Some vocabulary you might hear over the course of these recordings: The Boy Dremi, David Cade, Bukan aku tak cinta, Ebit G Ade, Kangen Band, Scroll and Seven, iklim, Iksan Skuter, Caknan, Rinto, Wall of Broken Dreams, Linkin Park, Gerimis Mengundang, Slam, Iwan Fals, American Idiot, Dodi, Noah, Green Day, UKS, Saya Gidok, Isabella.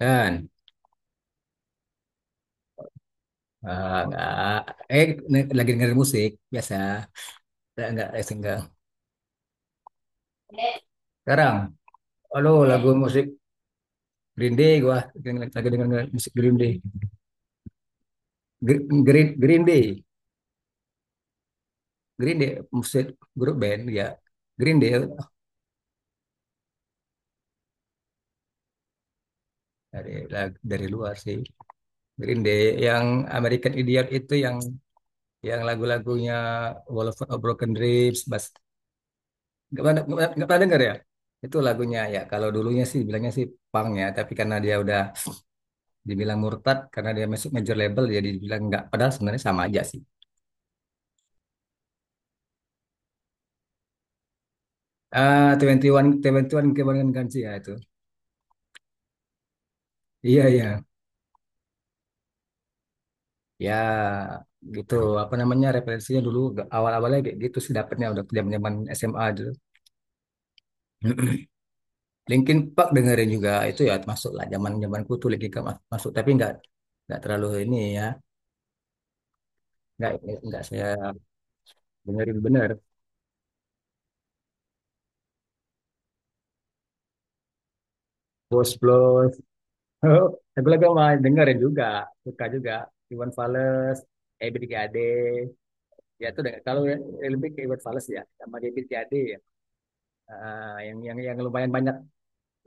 Kan? Ah, nggak. Eh, lagi dengerin musik biasa. Nggak, single. Sekarang, halo lagu musik Green Day gua. Lagi denger musik Green Day. Gr- Green Green Day, Green Day musik grup band ya. Green Day dari luar sih. Green Day yang American Idiot itu yang lagu-lagunya Wall of Broken Dreams, Bas. Nggak pernah nggak pernah nggak pernah denger ya? Itu lagunya ya. Kalau dulunya sih bilangnya sih punk ya, tapi karena dia udah dibilang murtad karena dia masuk major label jadi dibilang enggak padahal sebenarnya sama aja sih. 21 21 kebanyakan ganti ya itu. Iya, iya, ya gitu. Apa namanya, referensinya dulu awal-awalnya kayak gitu sih dapetnya udah zaman-zaman SMA dulu. Linkin Park dengerin juga itu ya, masuk lah zaman zamanku tuh Linkin Park masuk, tapi nggak terlalu ini ya. nggak nggak saya dengerin bener. Ghost Plus. Lagu-lagu mah dengerin juga, suka juga. Iwan Fals, Ebit G Ade. Ya itu deh. Kalau lebih ke Iwan Fals ya sama David Cade ya. Ah, yang lumayan banyak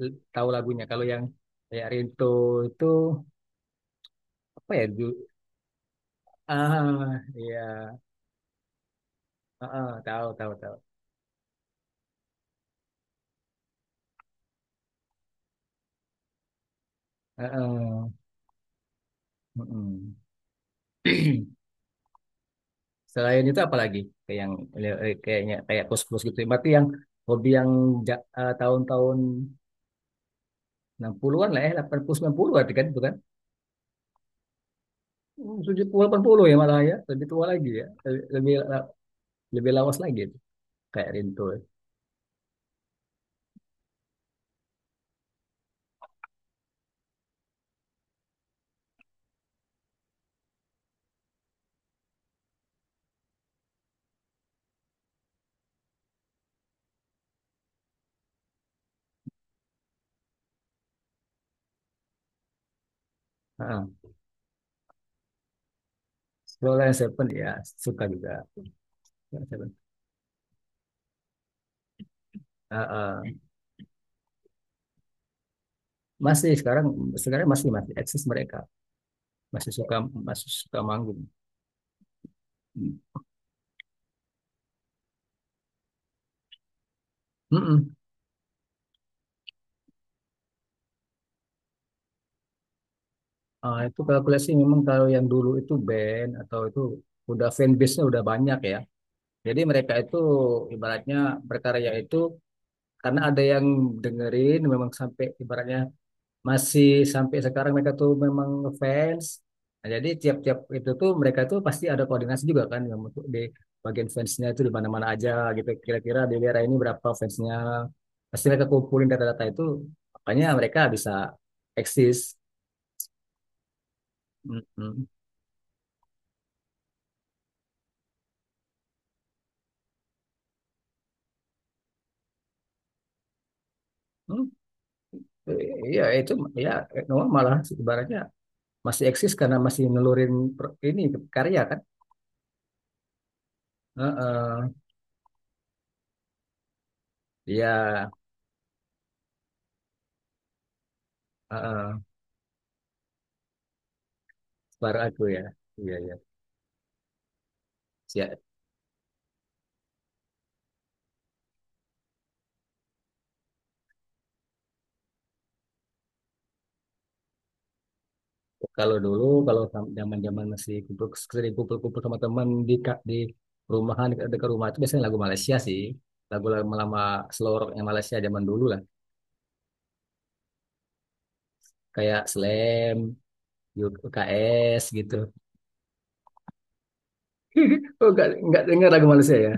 tahu lagunya. Kalau yang kayak Rinto itu apa ya? Iya. Ah, ah, tahu, tahu, tahu. Ah, ah, mm-mm. Selain itu apa lagi? Kayak yang kayaknya kayak kos-kos gitu. Berarti yang hobi yang tahun-tahun 60-an lah ya, 80 90 berarti kan itu kan. Hmm, tujuh puluh delapan puluh ya malah ya, lebih tua lagi ya. Lebih lebih, lebih lawas lagi itu kayak Rinto. Ya. Scroll and Seven ya, suka juga. Scroll Seven. Ah, ah. Masih sekarang, sekarang masih masih eksis mereka. Masih suka, masih suka manggung. Hmm. Mm-mm. Ah, itu kalkulasi memang kalau yang dulu itu band atau itu udah fanbase-nya udah banyak ya. Jadi mereka itu ibaratnya berkarya itu karena ada yang dengerin memang sampai ibaratnya masih sampai sekarang mereka tuh memang fans. Nah, jadi tiap-tiap itu tuh mereka tuh pasti ada koordinasi juga kan yang untuk di bagian fansnya itu di mana-mana aja gitu. Kira-kira di daerah ini berapa fansnya. Pasti mereka kumpulin data-data itu. Makanya mereka bisa eksis. Mm-mm. Hmm, iya itu ya. Noah malah ibaratnya masih eksis karena masih nelurin ini karya kan. Heeh. Iya, heeh. Baru aku ya. Iya, iya. Siap. Kalau dulu, kalau zaman-zaman masih kumpul, sering kumpul-kumpul sama teman di di rumahan dekat, dekat rumah itu biasanya lagu Malaysia sih, lagu lama lama slow rock yang Malaysia zaman dulu lah, kayak Slam, UKS gitu. Oh, nggak dengar lagu Malaysia ya?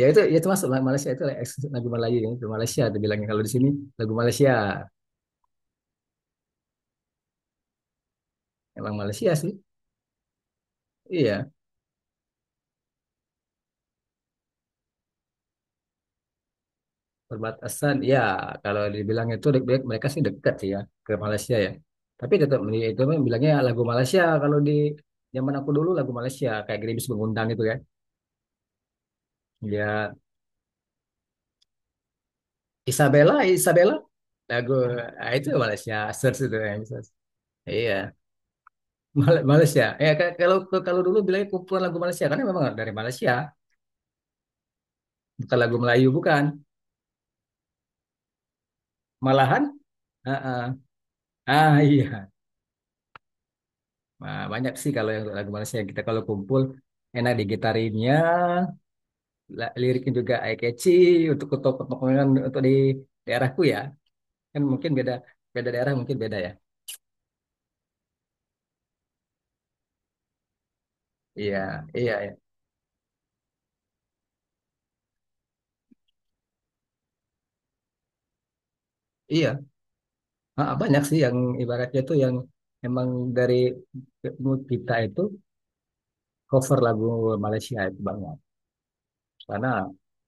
Ya itu, ya itu masuk lagu Malaysia itu, lagu Melayu ya, itu Malaysia. Itu bilangnya kalau di sini lagu Malaysia, emang Malaysia sih. Iya. Perbatasan, ya kalau dibilang itu dek mereka sih dekat sih ya ke Malaysia ya. Tapi tetap itu memang bilangnya lagu Malaysia. Kalau di zaman aku dulu lagu Malaysia kayak Gerimis Mengundang itu kan. Ya. Isabella, Isabella. Lagu ah, itu Malaysia search itu ya. Bisa. Iya, Mal- Malaysia. Kalau kalau dulu bilangnya kumpulan lagu Malaysia karena memang dari Malaysia, bukan lagu Melayu bukan. Malahan ah ah. Ah, iya. Nah, banyak sih kalau yang lagu Malaysia yang kita kalau kumpul enak digitarinnya, liriknya juga eye catchy untuk pengumuman untuk di daerahku ya, kan mungkin beda, beda daerah mungkin beda ya. Iya, iya, iya, iya. Ah, ah, banyak sih yang ibaratnya tuh yang emang dari mood kita itu cover lagu Malaysia itu banyak karena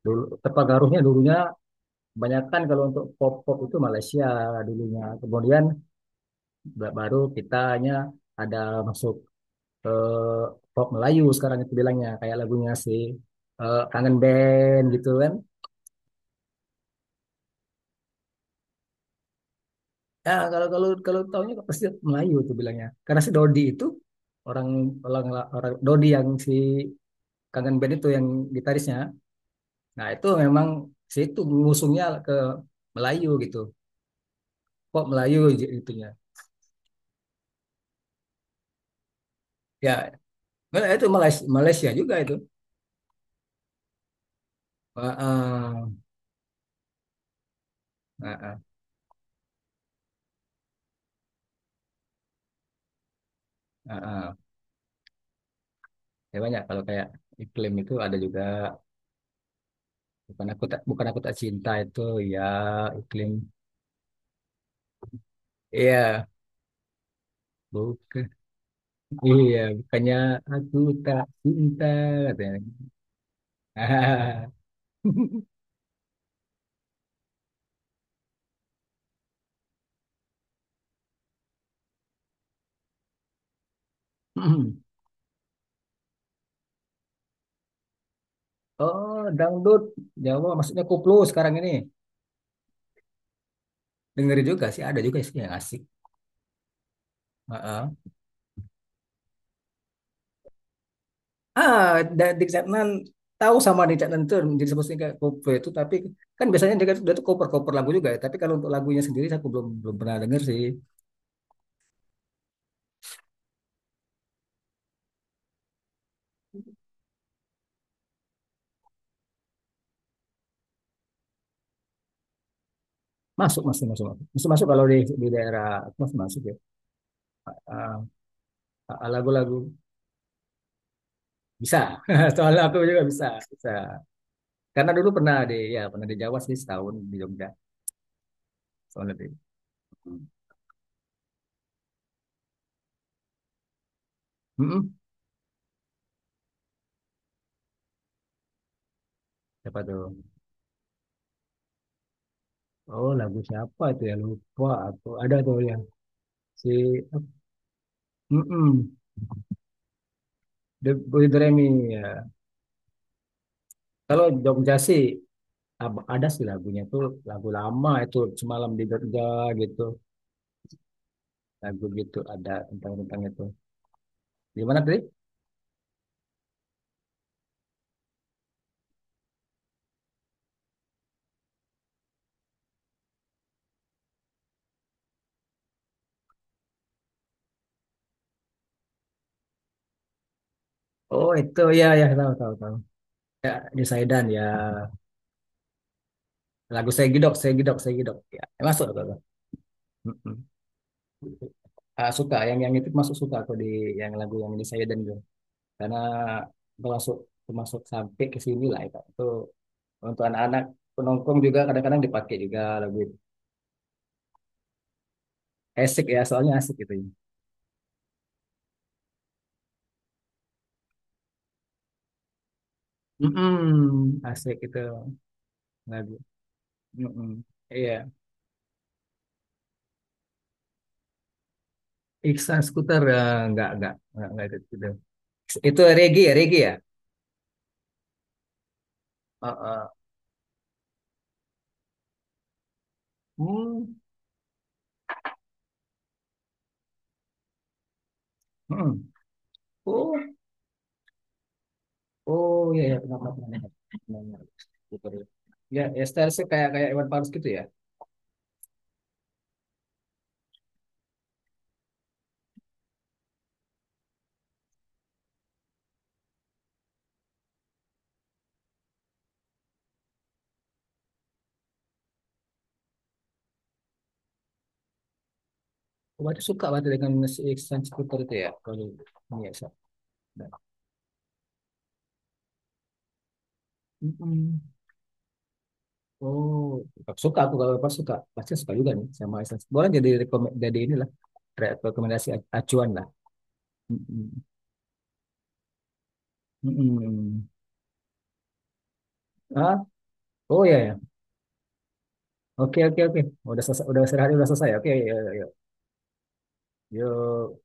dulu terpengaruhnya dulunya kebanyakan kalau untuk pop, pop itu Malaysia dulunya. Kemudian baru kitanya ada masuk, eh, pop Melayu sekarang itu bilangnya kayak lagunya si, eh, Kangen Band gitu kan. Ya kalau kalau kalau taunya kok pasti Melayu tuh bilangnya karena si Dodi itu orang, orang, orang Dodi yang si Kangen Band itu yang gitarisnya. Nah itu memang si itu ngusungnya ke Melayu gitu, pop Melayu itunya. Ya. Nah, itu Malaysia, Malaysia juga itu. Ah, ah, ah, ah, ah, ah. Ya, banyak kalau kayak iklim itu ada juga. Bukan aku tak cinta itu, ya, iklim. Iya, bukan. Iya, bukannya aku tak cinta katanya. Oh, dangdut Jawa maksudnya koplo sekarang ini. Dengerin juga sih, ada juga sih yang asik. Heeh. Ah, di Caknan tahu, sama di Caknan tuh jadi sebutnya kayak koplo itu, tapi kan biasanya dia, dia tuh cover-cover lagu juga ya. Tapi kalau untuk lagunya sendiri aku belum belum pernah denger sih. Masuk, masih masuk, masuk, masuk, masuk kalau di daerah aku masih masuk ya. Ah, lagu-lagu bisa. Soalnya aku juga bisa, bisa karena dulu pernah di, ya pernah di Jawa sih setahun di Jogja soalnya di. Mm-mm. Siapa tuh? Oh, lagu siapa itu ya? Lupa aku. Ada tuh yang si. Mm-mm. The Boy Dremi ya. Kalau Jogja sih ada sih lagunya tuh lagu lama itu, semalam di Jogja gitu, lagu gitu ada tentang tentang itu di mana tadi. Oh itu ya, ya tahu, tahu, tahu. Ya di Saidan ya. Lagu Saya Gidok, Saya Gidok, Saya Gidok. Ya, masuk tuh. Tuh. Mm-mm. Ah, suka yang itu masuk suka aku di yang lagu yang ini saya dan gue karena termasuk, termasuk sampai ke sini lah itu. Itu untuk anak-anak penongkrong juga kadang-kadang dipakai juga lagu itu. Asik ya, soalnya asik gitu. Mm-mm. Asik itu lagu. Mm-mm. Iya. Iksan Skuter, eh, nggak itu. Itu. Itu reggae ya, reggae ya. Uh, uh. Hmm. Oh, oh iya ya, pernah, pernah, pernah dengar. Pernah Skuter itu. Ya, ya style sih kayak kayak Iwan Fals gitu ya. Oh, berarti suka berarti dengan si Iksan Skuter itu ya kalau biasa. Mm-mm. Oh, suka aku kalau Iwan suka, pasti suka juga nih sama Iksan. Boleh jadi rekom, jadi inilah rekomendasi acuan lah. Mm-mm. Mm-mm. Ah, oh ya, ya. Oke, oke, oke. Udah selesai, udah selesai, udah selesai. Oke, ya, ya, ya. Yuk.